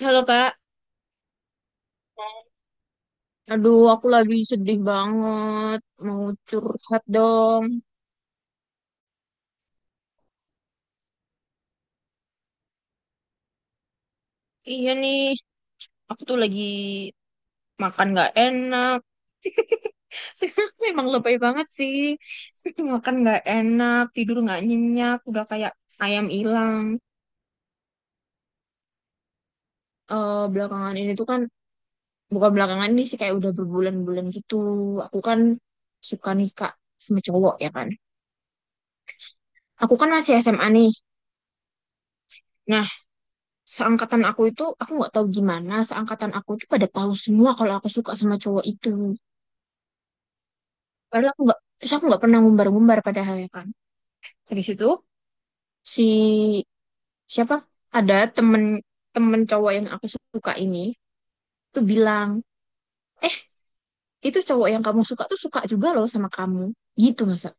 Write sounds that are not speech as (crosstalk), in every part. Halo Kak, aduh aku lagi sedih banget, mau curhat dong. Iya nih, aku tuh lagi makan gak enak. (laughs) Memang lebay banget sih, (laughs) makan gak enak, tidur gak nyenyak, udah kayak ayam hilang. Eh, belakangan ini tuh kan, bukan belakangan ini sih, kayak udah berbulan-bulan gitu. Aku kan suka nikah sama cowok, ya kan. Aku kan masih SMA nih. Nah, seangkatan aku itu, aku nggak tahu gimana, seangkatan aku itu pada tahu semua kalau aku suka sama cowok itu. Padahal aku nggak Terus aku nggak pernah ngumbar-ngumbar padahalnya kan. Dari situ, si siapa, ada temen, temen cowok yang aku suka ini tuh bilang, eh, itu cowok yang kamu suka tuh suka juga loh sama kamu, gitu. Masa?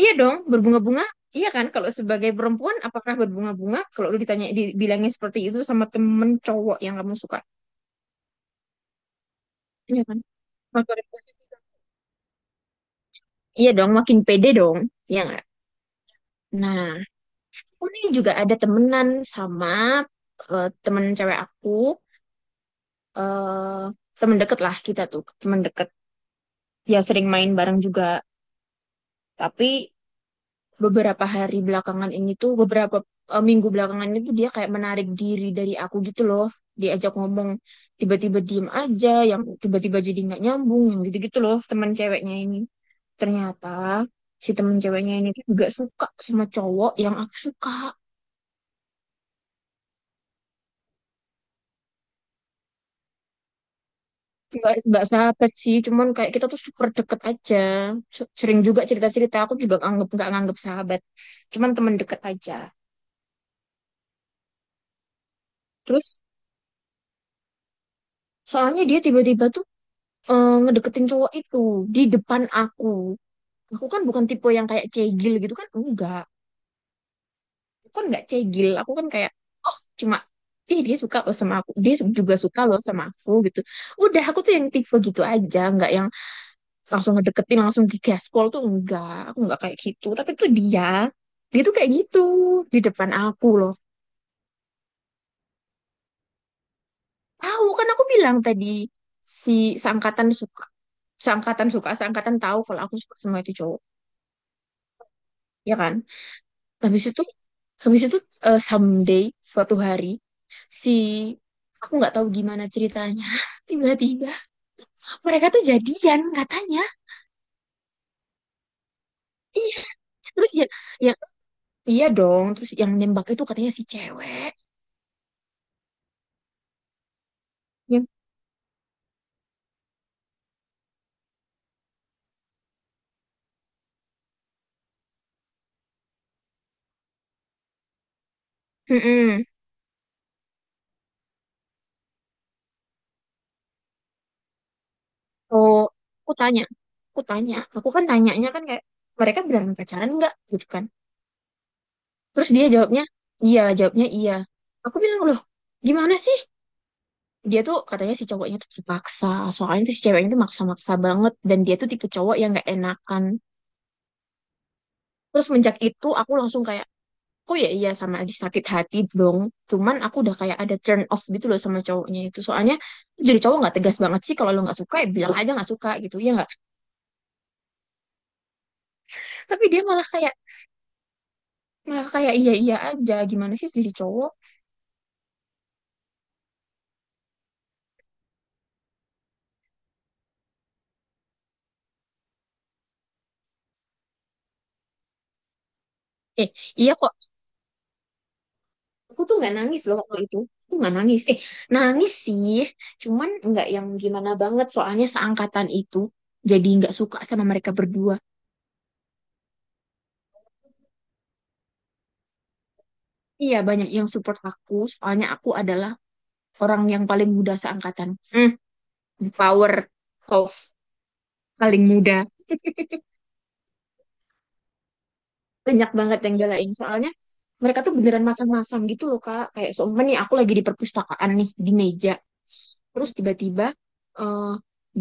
Iya dong, berbunga-bunga. Iya kan, kalau sebagai perempuan apakah berbunga-bunga kalau lu ditanya, dibilangnya seperti itu sama temen cowok yang kamu suka. Iya kan? Maka Iya dong, makin pede dong. Ya nggak? Nah, aku nih juga ada temenan sama, eh, temen cewek aku. Eh, temen deket lah kita tuh, temen deket. Ya sering main bareng juga. Tapi beberapa hari belakangan ini tuh, beberapa, eh, minggu belakangan itu dia kayak menarik diri dari aku gitu loh. Diajak ngomong, tiba-tiba diem aja, yang tiba-tiba jadi nggak nyambung, yang gitu-gitu loh temen ceweknya ini. Ternyata si temen ceweknya ini tuh juga suka sama cowok yang aku suka. Nggak sahabat sih, cuman kayak kita tuh super deket aja. Sering juga cerita cerita, aku juga nganggep, nggak nganggep sahabat, cuman teman deket aja. Terus soalnya dia tiba-tiba tuh, eh, ngedeketin cowok itu di depan aku. Aku kan bukan tipe yang kayak cegil gitu kan, enggak. Aku kan nggak cegil, aku kan kayak, oh, cuma ih, dia suka loh sama aku, dia juga suka loh sama aku, gitu. Udah, aku tuh yang tipe gitu aja, nggak yang langsung ngedeketin, langsung di gaspol tuh, enggak. Aku enggak kayak gitu, tapi tuh dia dia tuh kayak gitu di depan aku loh. Tahu kan, aku bilang tadi, si seangkatan suka, seangkatan suka, seangkatan tahu kalau aku suka sama itu cowok, ya kan. Habis itu, habis itu eh, someday, suatu hari, si, aku nggak tahu gimana ceritanya, (laughs) tiba-tiba mereka tuh jadian katanya. Iya, terus ya, ya iya dong. Terus yang nembak itu katanya si cewek yang Mm-mm. Oh, aku tanya, aku tanya, aku kan tanyanya kan kayak mereka bilang pacaran nggak gitu kan. Terus dia jawabnya iya, jawabnya iya. Aku bilang, loh, gimana sih? Dia tuh katanya si cowoknya tuh terpaksa, soalnya tuh si ceweknya tuh maksa-maksa banget, dan dia tuh tipe cowok yang nggak enakan. Terus menjak itu aku langsung kayak, oh ya iya, sama lagi sakit hati dong. Cuman aku udah kayak ada turn off gitu loh sama cowoknya itu. Soalnya jadi cowok nggak tegas banget sih, kalau lo nggak suka ya bilang aja nggak suka gitu, ya nggak? Tapi dia malah kayak, iya-iya aja. Gimana sih jadi cowok? Eh, iya kok. Aku tuh nggak nangis loh waktu itu. Aku nggak nangis. Eh, nangis sih. Cuman nggak yang gimana banget. Soalnya seangkatan itu jadi nggak suka sama mereka berdua. Iya, banyak yang support aku. Soalnya aku adalah orang yang paling muda seangkatan. Power of paling muda. Banyak banget yang belain, soalnya mereka tuh beneran masang-masang gitu loh kak, kayak seumpama nih aku lagi di perpustakaan nih di meja, terus tiba-tiba, eh,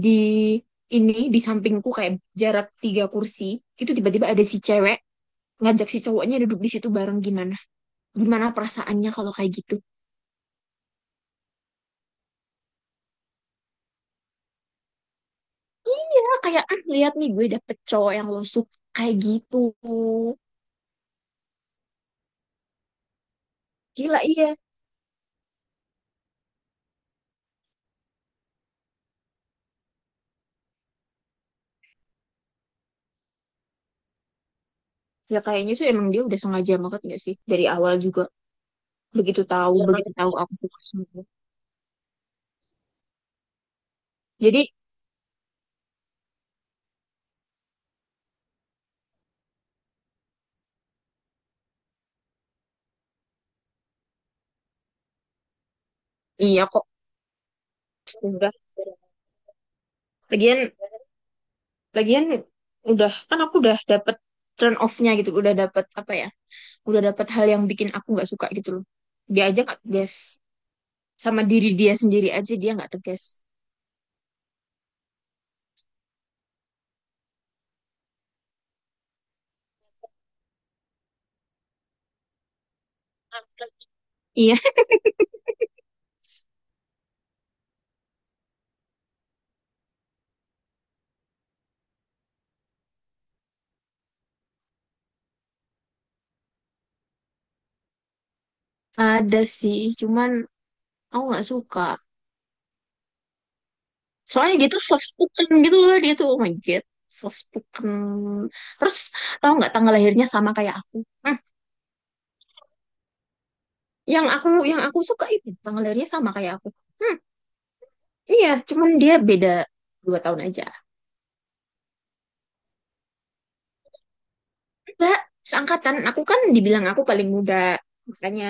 di ini di sampingku, kayak jarak tiga kursi itu, tiba-tiba ada si cewek ngajak si cowoknya duduk di situ bareng. Gimana, perasaannya kalau kayak gitu? Ya kayak, ah, lihat nih gue dapet cowok yang lo suka, kayak gitu. Gila iya. Ya kayaknya sih emang dia udah sengaja banget gak sih dari awal juga. Begitu tahu, aku suka sama dia, jadi. Iya kok, udah. Lagian, lagian udah kan, aku udah dapet turn off-nya gitu, udah dapet, apa ya? Udah dapet hal yang bikin aku nggak suka gitu loh. Dia aja nggak tegas, sama diri dia sendiri aja dia nggak tegas. Iya, (laughs) ada sih, cuman aku nggak suka. Soalnya dia tuh soft spoken gitu loh, dia tuh oh my god, soft spoken. Terus, tahu nggak tanggal lahirnya sama kayak aku? Hmm, yang aku, suka itu tanggal lahirnya sama kayak aku. Hmm, iya, cuman dia beda 2 tahun aja. Enggak, seangkatan. Aku kan dibilang aku paling muda. Makanya,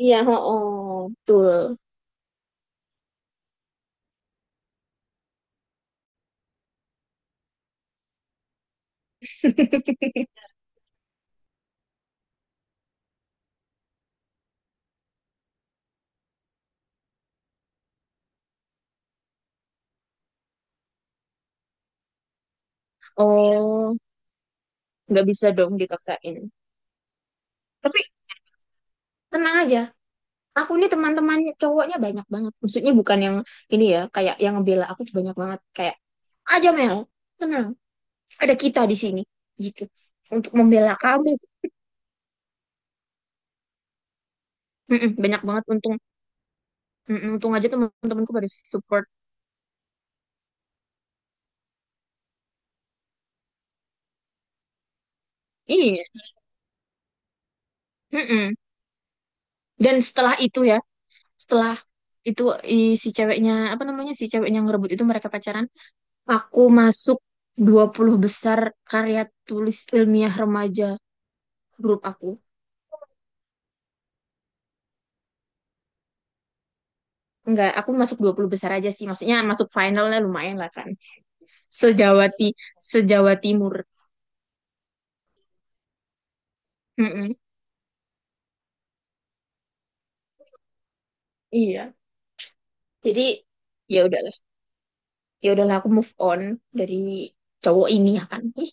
iya, oh, oh betul. (laughs) Oh, nggak bisa dong dipaksain. Tapi tenang aja. Aku nih teman-teman cowoknya banyak banget. Maksudnya bukan yang ini ya, kayak yang ngebela aku tuh banyak banget. Kayak, aja Mel, tenang. Ada kita di sini. Gitu. Untuk membela kamu. Mm-mm, banyak banget. Untung, mm-mm, untung aja teman-temanku pada support. Iya. Mm-mm. Dan setelah itu ya, setelah itu si ceweknya, apa namanya, si ceweknya ngerebut itu, mereka pacaran. Aku masuk 20 besar karya tulis ilmiah remaja grup aku. Enggak, aku masuk 20 besar aja sih. Maksudnya masuk finalnya lumayan lah kan. Sejawa Ti- Sejawa Timur. Mm-mm. Iya. Jadi ya udahlah. Ya udahlah, aku move on dari cowok ini, ya kan. Ih,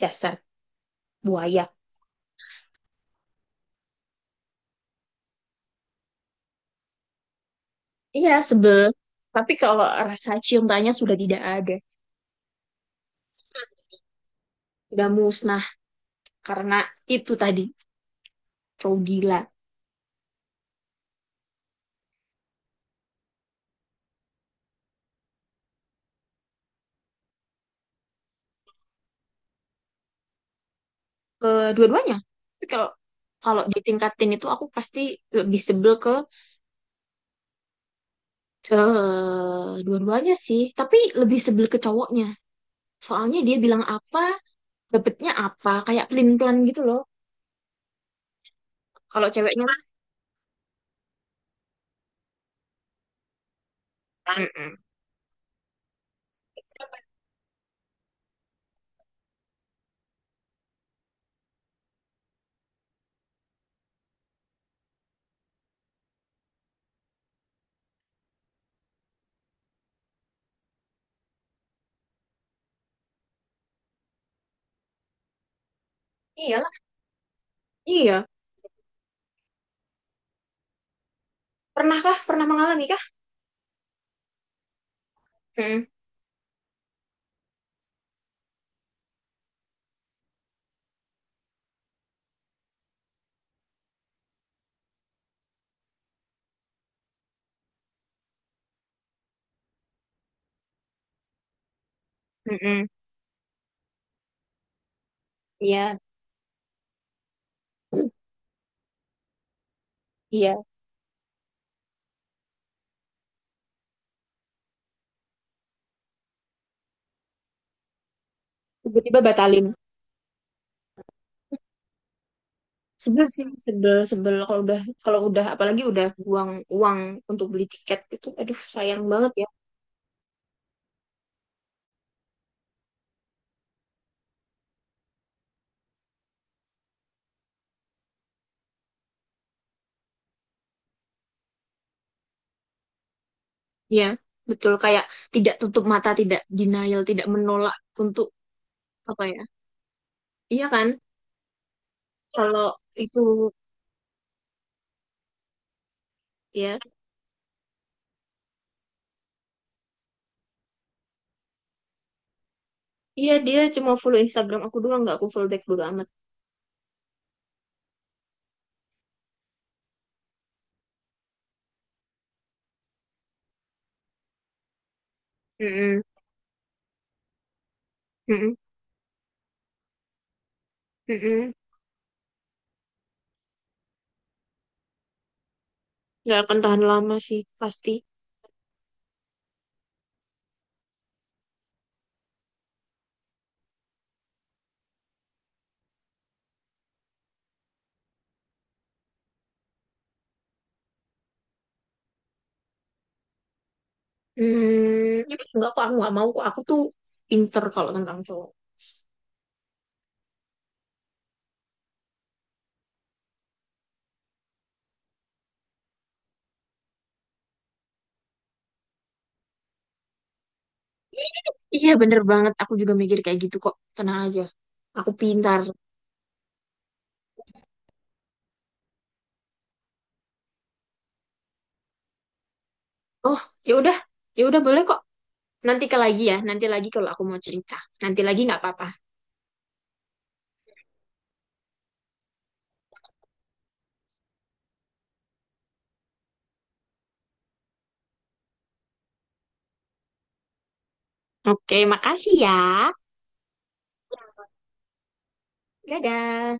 dasar buaya. Iya, sebel. Tapi kalau rasa cium tanya sudah tidak ada. Sudah musnah karena itu tadi, cowok gila. Kedua-duanya, tapi kalau kalau ditingkatin itu aku pasti lebih sebel ke, eh, dua-duanya sih, tapi lebih sebel ke cowoknya. Soalnya dia bilang apa, dapetnya apa, kayak pelin-pelan gitu loh. Kalau ceweknya kan. Mm-mm. Iya, pernah mengalami kah? Mm-mm, mm-mm, iya iya, tiba-tiba batalin. Sebel sih, sebel, sebel kalau udah, apalagi udah buang uang untuk beli tiket itu, aduh sayang banget ya. Iya, betul, kayak tidak tutup mata, tidak denial, tidak menolak untuk, apa ya? Iya kan? Kalau itu ya, iya dia cuma follow Instagram aku doang, nggak aku follow back, bodo amat. Mm-mm, mm-mm, mm-mm. Nggak akan tahan lama sih pasti. Hmm, nggak kok, aku nggak mau kok. Aku tuh pinter kalau tentang cowok. Iya bener banget, aku juga mikir kayak gitu kok. Tenang aja, aku pintar. Oh, ya udah, ya udah boleh kok. Nanti ke lagi ya, nanti lagi kalau aku mau cerita. Nanti lagi nggak apa-apa. Oke, makasih ya. Dadah.